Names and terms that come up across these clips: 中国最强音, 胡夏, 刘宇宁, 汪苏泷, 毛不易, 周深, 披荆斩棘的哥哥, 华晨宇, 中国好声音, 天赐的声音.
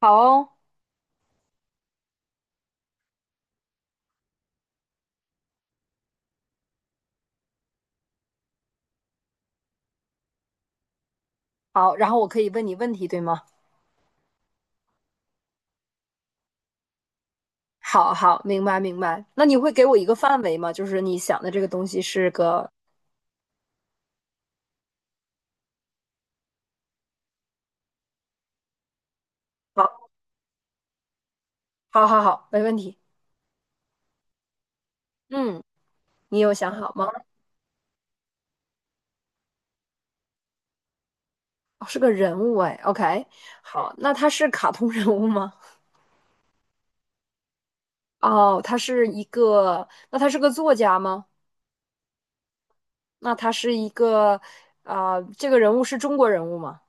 好哦。好，然后我可以问你问题，对吗？好好，明白明白。那你会给我一个范围吗？就是你想的这个东西是个，好，好，好，好，没问题。嗯，你有想好吗？哦是个人物哎，OK，好，那他是卡通人物吗？哦，他是一个，那他是个作家吗？那他是一个，啊、这个人物是中国人物吗？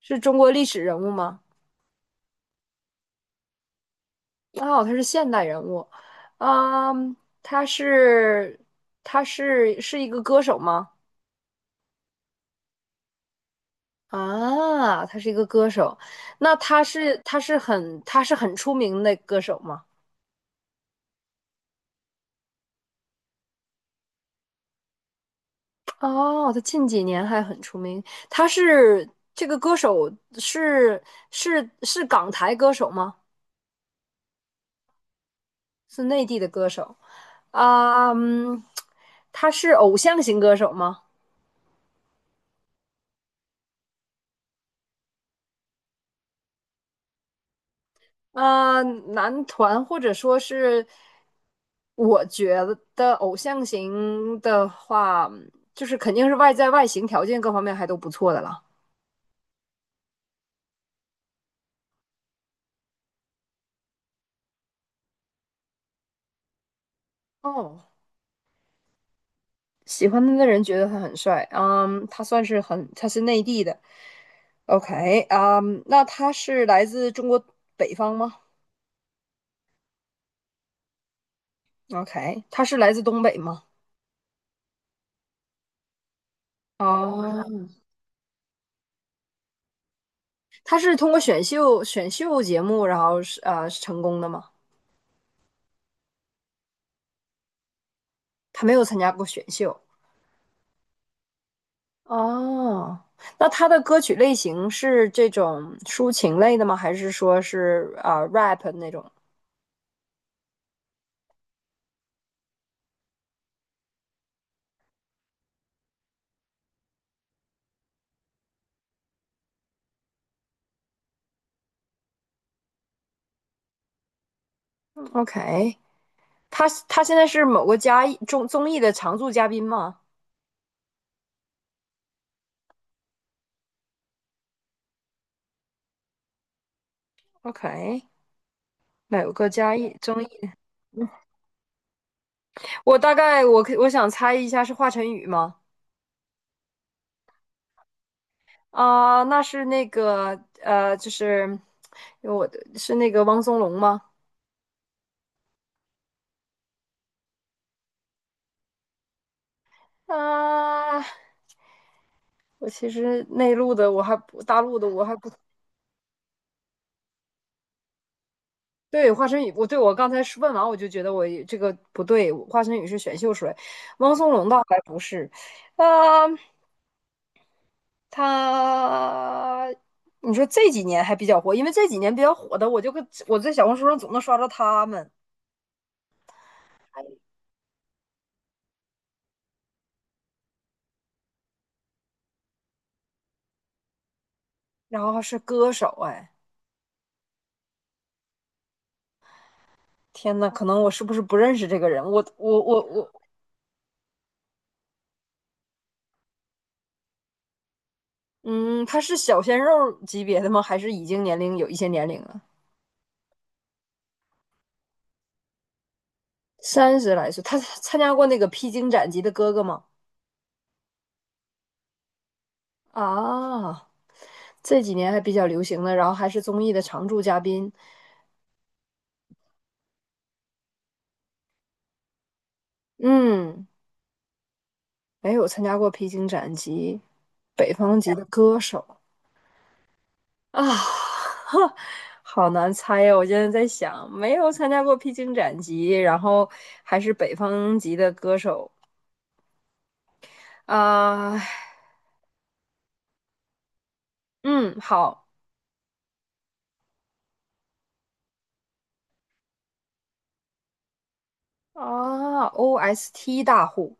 是中国历史人物吗？哦，他是现代人物。嗯，他是他是一个歌手吗？啊，他是一个歌手。那他是很出名的歌手吗？哦，他近几年还很出名。他是这个歌手是是港台歌手吗？是内地的歌手啊。嗯，他是偶像型歌手吗？呃，男团或者说是，我觉得偶像型的话，就是肯定是外在外形条件各方面还都不错的了。哦，喜欢他的人觉得他很帅。嗯，他算是很，他是内地的，OK。嗯，那他是来自中国北方吗？OK，他是来自东北吗？哦，他是通过选秀节目，然后是成功的吗？他没有参加过选秀。哦，那他的歌曲类型是这种抒情类的吗？还是说是啊、rap 那种？OK，他现在是某个嘉艺综艺的常驻嘉宾吗？OK，某个嘉艺综艺。我大概我可我想猜一下是华晨宇吗？啊、那是那个就是我的是那个汪苏泷吗？啊、我其实内陆的我还不大陆的我还不。对，华晨宇，我刚才是问完，我就觉得我也这个不对。华晨宇是选秀水，汪苏泷倒还不是。啊、他，你说这几年还比较火，因为这几年比较火的，我就跟我在小红书上总能刷到他们，然后是歌手。哎，天呐，可能我是不是不认识这个人？我，嗯，他是小鲜肉级别的吗？还是已经年龄有一些年龄了？三十来岁，他参加过那个披荆斩棘的哥哥吗？啊。这几年还比较流行的，然后还是综艺的常驻嘉宾。嗯，没有参加过披荆斩棘、北方籍的歌手啊。哈，好难猜呀！我现在在想，没有参加过披荆斩棘，然后还是北方籍的歌手啊。嗯，好。啊，OST 大户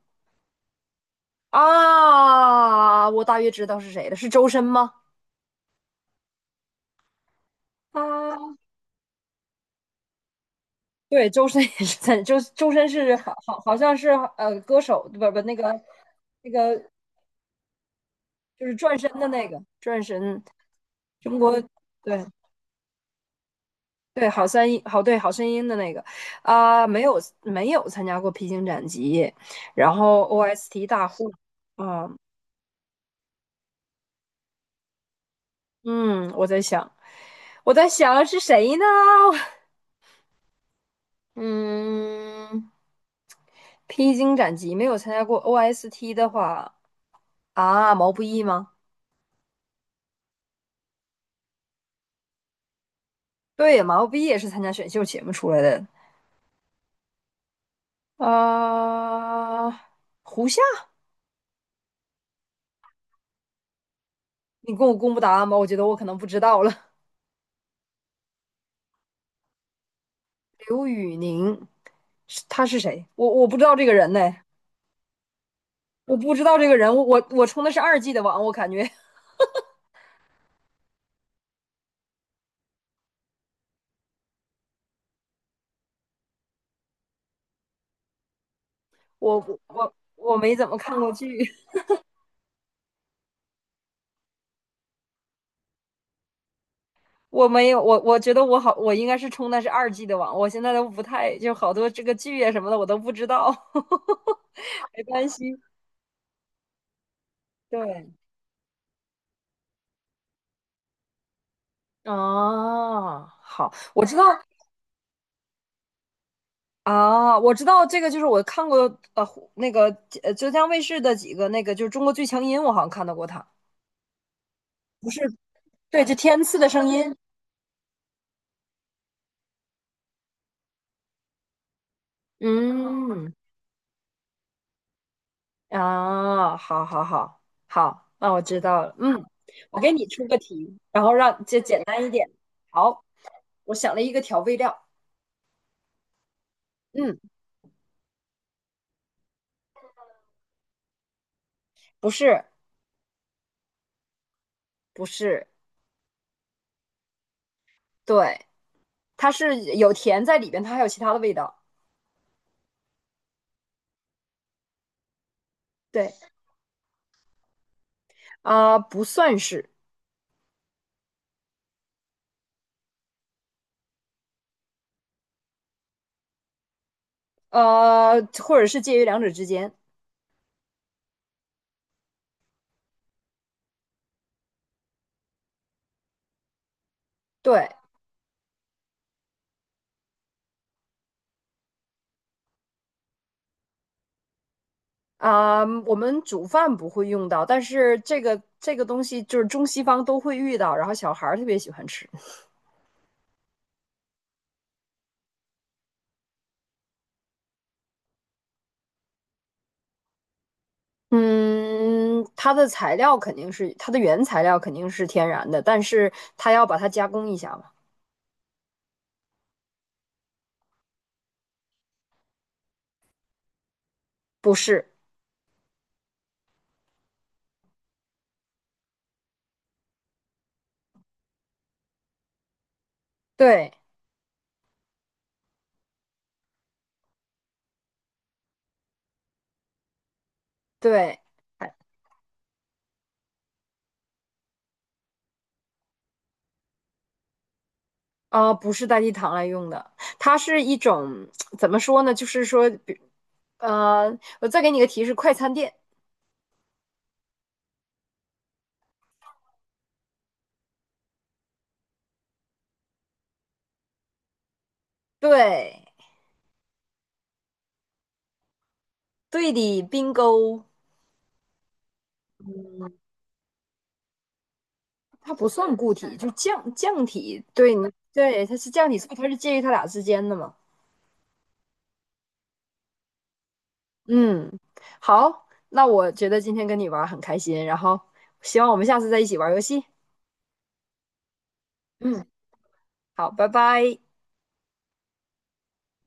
啊，我大约知道是谁了，是周深吗？啊。对，周深也是在，周深是好像是歌手，不那个那个就是转身的那个转身。中国对对好三音好对好声音的那个。啊、没有没有参加过披荆斩棘，然后 OST 大户。嗯嗯，我在想我在想是谁呢？嗯，披荆斩棘没有参加过 OST 的话啊，毛不易吗？对，毛不易也是参加选秀节目出来的。啊。胡夏。你跟我公布答案吧，我觉得我可能不知道了。刘宇宁，是他是谁？我我不知道这个人呢，我不知道这个人。我充的是二 G 的网，我感觉我我没怎么看过剧。我没有我觉得我好，我应该是充的是二 G 的网，我现在都不太就好多这个剧啊什么的我都不知道。没关系。对，啊，好，我知道。啊，我知道这个，就是我看过湖那个浙江卫视的几个那个，就是《中国最强音》，我好像看到过他。不是，对，就天赐的声音。嗯，啊，好好好好，那我知道了。嗯，我给你出个题，然后让这简单一点。好，我想了一个调味料。嗯，不是，不是，对，它是有甜在里边，它还有其他的味道。对，啊、不算是，或者是介于两者之间。对。啊，我们煮饭不会用到，但是这个这个东西就是中西方都会遇到，然后小孩儿特别喜欢吃。嗯，它的原材料肯定是天然的，但是它要把它加工一下嘛？不是，对对，哎啊，不是代替糖来用的，它是一种怎么说呢？就是说，比呃，我再给你个提示，快餐店，对对的冰 i 它不算固体，就降体。对，你对，它是降体，所以它是介于它俩之间的嘛。嗯，好，那我觉得今天跟你玩儿很开心，然后希望我们下次再一起玩儿游戏。嗯，好，拜拜。